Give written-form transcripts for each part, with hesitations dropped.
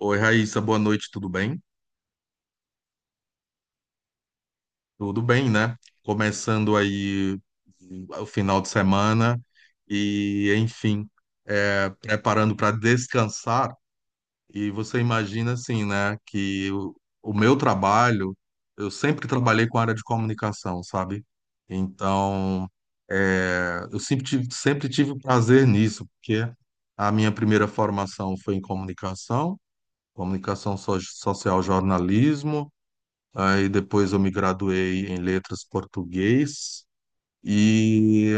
Oi, Raíssa, boa noite, tudo bem? Tudo bem, né? Começando aí o final de semana e, enfim, preparando para descansar. E você imagina, assim, né, que o meu trabalho, eu sempre trabalhei com a área de comunicação, sabe? Então, eu sempre tive prazer nisso, porque a minha primeira formação foi em comunicação social, jornalismo. Aí depois eu me graduei em letras português e,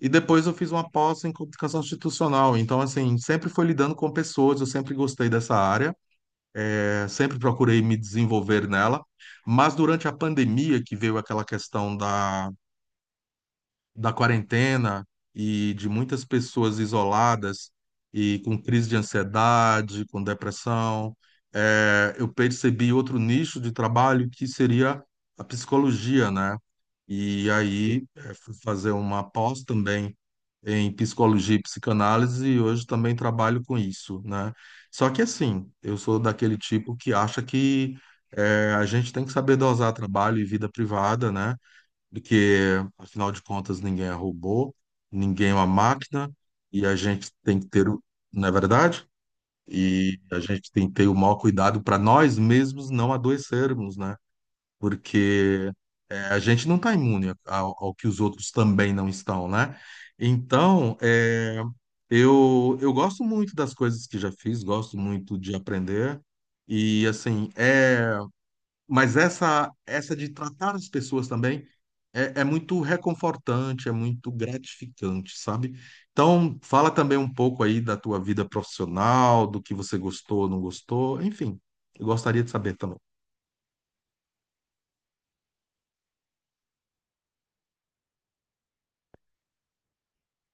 e depois eu fiz uma pós em comunicação institucional. Então, assim, sempre fui lidando com pessoas, eu sempre gostei dessa área, sempre procurei me desenvolver nela. Mas durante a pandemia, que veio aquela questão da quarentena e de muitas pessoas isoladas e com crise de ansiedade, com depressão, eu percebi outro nicho de trabalho que seria a psicologia, né? E aí fui fazer uma pós também em psicologia e psicanálise e hoje também trabalho com isso, né? Só que assim, eu sou daquele tipo que acha que a gente tem que saber dosar trabalho e vida privada, né? Porque, afinal de contas, ninguém é robô, ninguém é uma máquina, e a gente tem que ter, não é verdade? E a gente tem que ter o maior cuidado para nós mesmos não adoecermos, né? Porque a gente não está imune ao que os outros também não estão, né? Então, eu gosto muito das coisas que já fiz, gosto muito de aprender, e assim, é. Mas essa de tratar as pessoas também é muito reconfortante, é muito gratificante, sabe? Então, fala também um pouco aí da tua vida profissional, do que você gostou, não gostou, enfim, eu gostaria de saber também.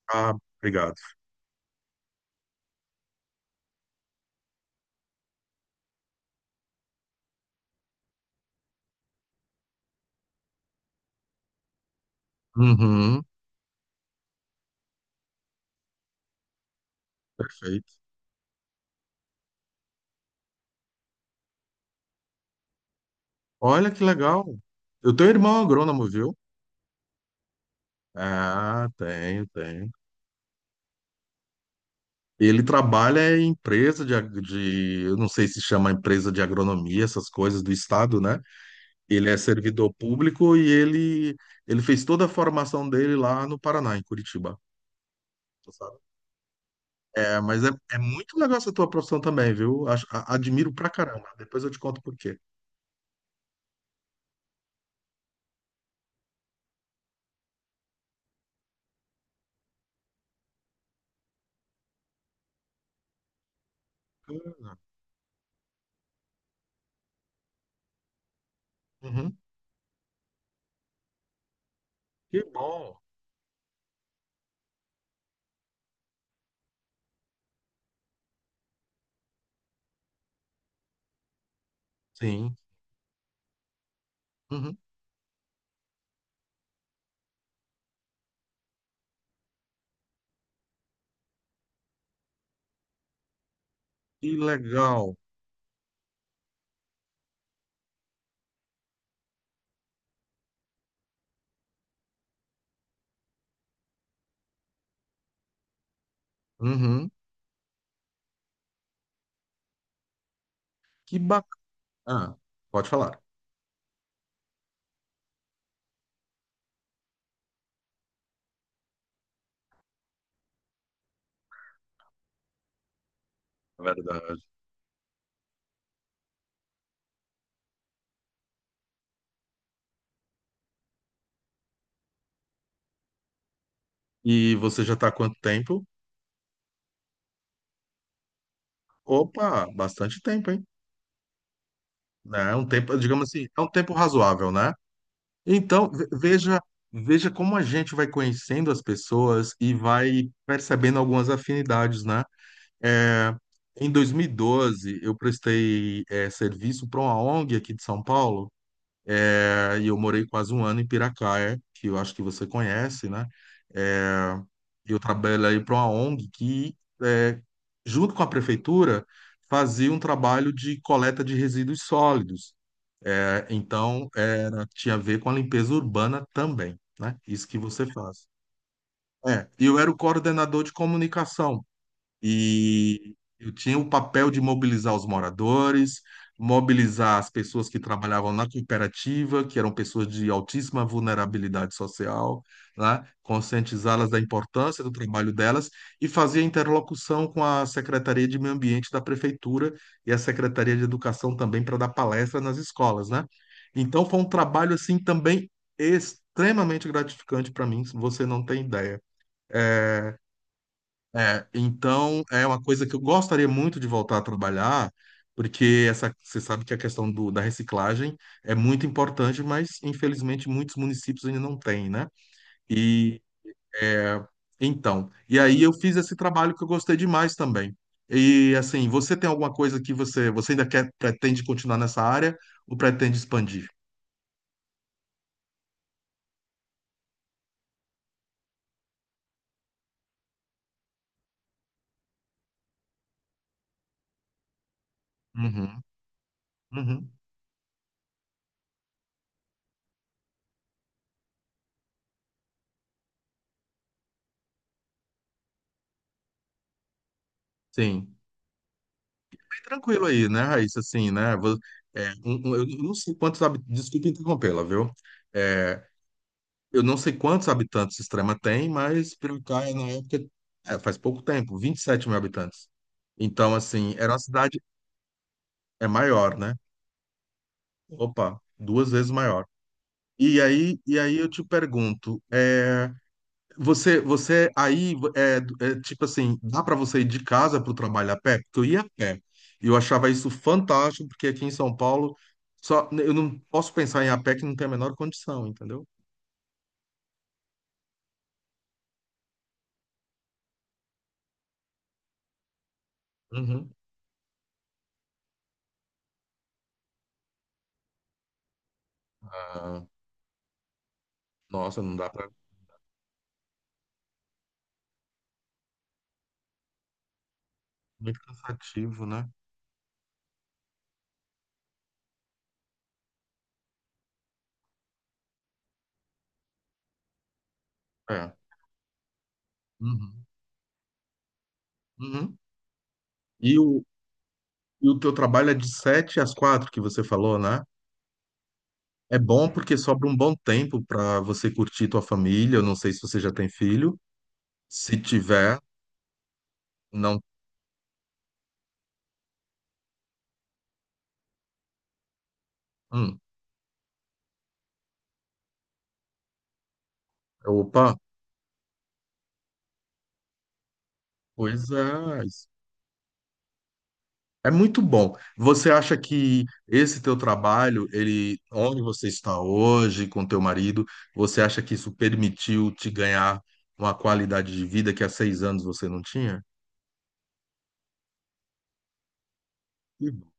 Ah, obrigado. Uhum, perfeito. Olha que legal. Eu tenho um irmão agrônomo, viu? Ah, tenho, tenho. Ele trabalha em empresa de, eu não sei se chama empresa de agronomia, essas coisas do estado, né? Ele é servidor público e ele fez toda a formação dele lá no Paraná, em Curitiba. Tu sabe? É, mas é, é muito legal essa tua profissão também, viu? Admiro pra caramba. Depois eu te conto por quê. Bacana. Uhum. Que bom. Sim. Uhum. Que legal. Uhum. Que bacana. Ah, pode falar. Verdade. E você já está há quanto tempo? Opa, bastante tempo, hein? Né? É um tempo, digamos assim, é um tempo razoável, né? Então, veja, veja como a gente vai conhecendo as pessoas e vai percebendo algumas afinidades, né? É, em 2012, eu prestei serviço para uma ONG aqui de São Paulo, é, e eu morei quase um ano em Piracaia, que eu acho que você conhece, né? É, eu trabalhei para uma ONG que, é, junto com a prefeitura, fazia um trabalho de coleta de resíduos sólidos. É, então, era, tinha a ver com a limpeza urbana também, né? Isso que você faz. É, e eu era o coordenador de comunicação. E eu tinha o papel de mobilizar os moradores, mobilizar as pessoas que trabalhavam na cooperativa, que eram pessoas de altíssima vulnerabilidade social, né? Conscientizá-las da importância do trabalho delas e fazer interlocução com a Secretaria de Meio Ambiente da Prefeitura e a Secretaria de Educação também para dar palestra nas escolas, né? Então foi um trabalho assim também extremamente gratificante para mim, você não tem ideia. É, então é uma coisa que eu gostaria muito de voltar a trabalhar, porque essa, você sabe que a questão do, da reciclagem é muito importante, mas infelizmente muitos municípios ainda não têm, né? E é, então, e aí eu fiz esse trabalho que eu gostei demais também. E assim, você tem alguma coisa que você ainda quer, pretende continuar nessa área ou pretende expandir? Uhum, uhum, sim. Tranquilo aí, né, Raíssa? Assim, né? Eu não sei quantos habitantes. Desculpa interrompê-la, viu? É, eu não sei quantos habitantes Extrema tem, mas Piracaia, na época, é, faz pouco tempo, 27 mil habitantes. Então, assim, era uma cidade é maior, né? Opa, duas vezes maior. E aí eu te pergunto, Você aí tipo assim, dá para você ir de casa para o trabalho a pé? Porque eu ia a pé. E eu achava isso fantástico, porque aqui em São Paulo só eu não posso pensar em ir a pé que não tem a menor condição, entendeu? Uhum. Ah, nossa, não dá para muito cansativo, né? É. Uhum. Uhum. E o, e o teu trabalho é de 7 às 4 que você falou, né? É bom porque sobra um bom tempo para você curtir tua família. Eu não sei se você já tem filho. Se tiver, não. Hum. Opa, pois é. É muito bom. Você acha que esse teu trabalho, ele, onde você está hoje com teu marido, você acha que isso permitiu te ganhar uma qualidade de vida que há 6 anos você não tinha? Que bom.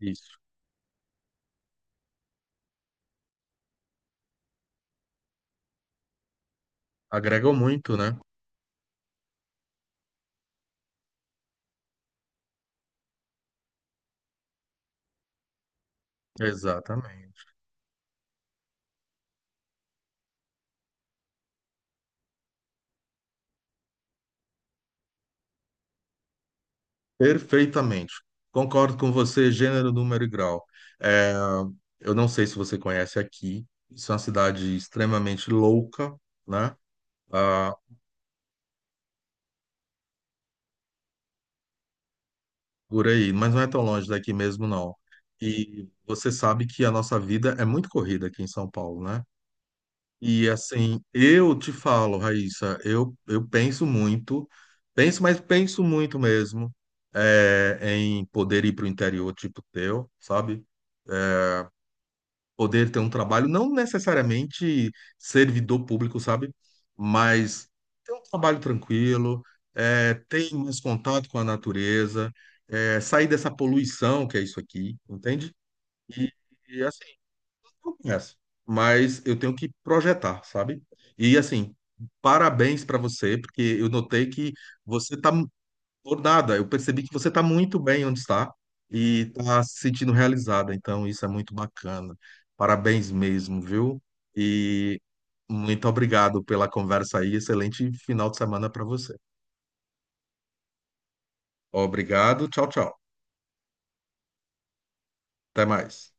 Isso. Agregou muito, né? Exatamente. Perfeitamente. Concordo com você, gênero, número e grau. É, eu não sei se você conhece aqui, isso é uma cidade extremamente louca, né? Ah, por aí, mas não é tão longe daqui mesmo, não. E você sabe que a nossa vida é muito corrida aqui em São Paulo, né? E assim, eu te falo, Raíssa, eu penso muito, penso, mas penso muito mesmo, é, em poder ir para o interior tipo teu, sabe? Poder ter um trabalho, não necessariamente servidor público, sabe? Mas ter um trabalho tranquilo, é, ter mais contato com a natureza, é, sair dessa poluição que é isso aqui, entende? E, e assim, eu começo. Mas eu tenho que projetar, sabe? E assim, parabéns para você, porque eu notei que você está por nada, eu percebi que você está muito bem onde está e está se sentindo realizada, então isso é muito bacana. Parabéns mesmo, viu? E muito obrigado pela conversa aí. Excelente final de semana para você. Obrigado, tchau, tchau. Até mais.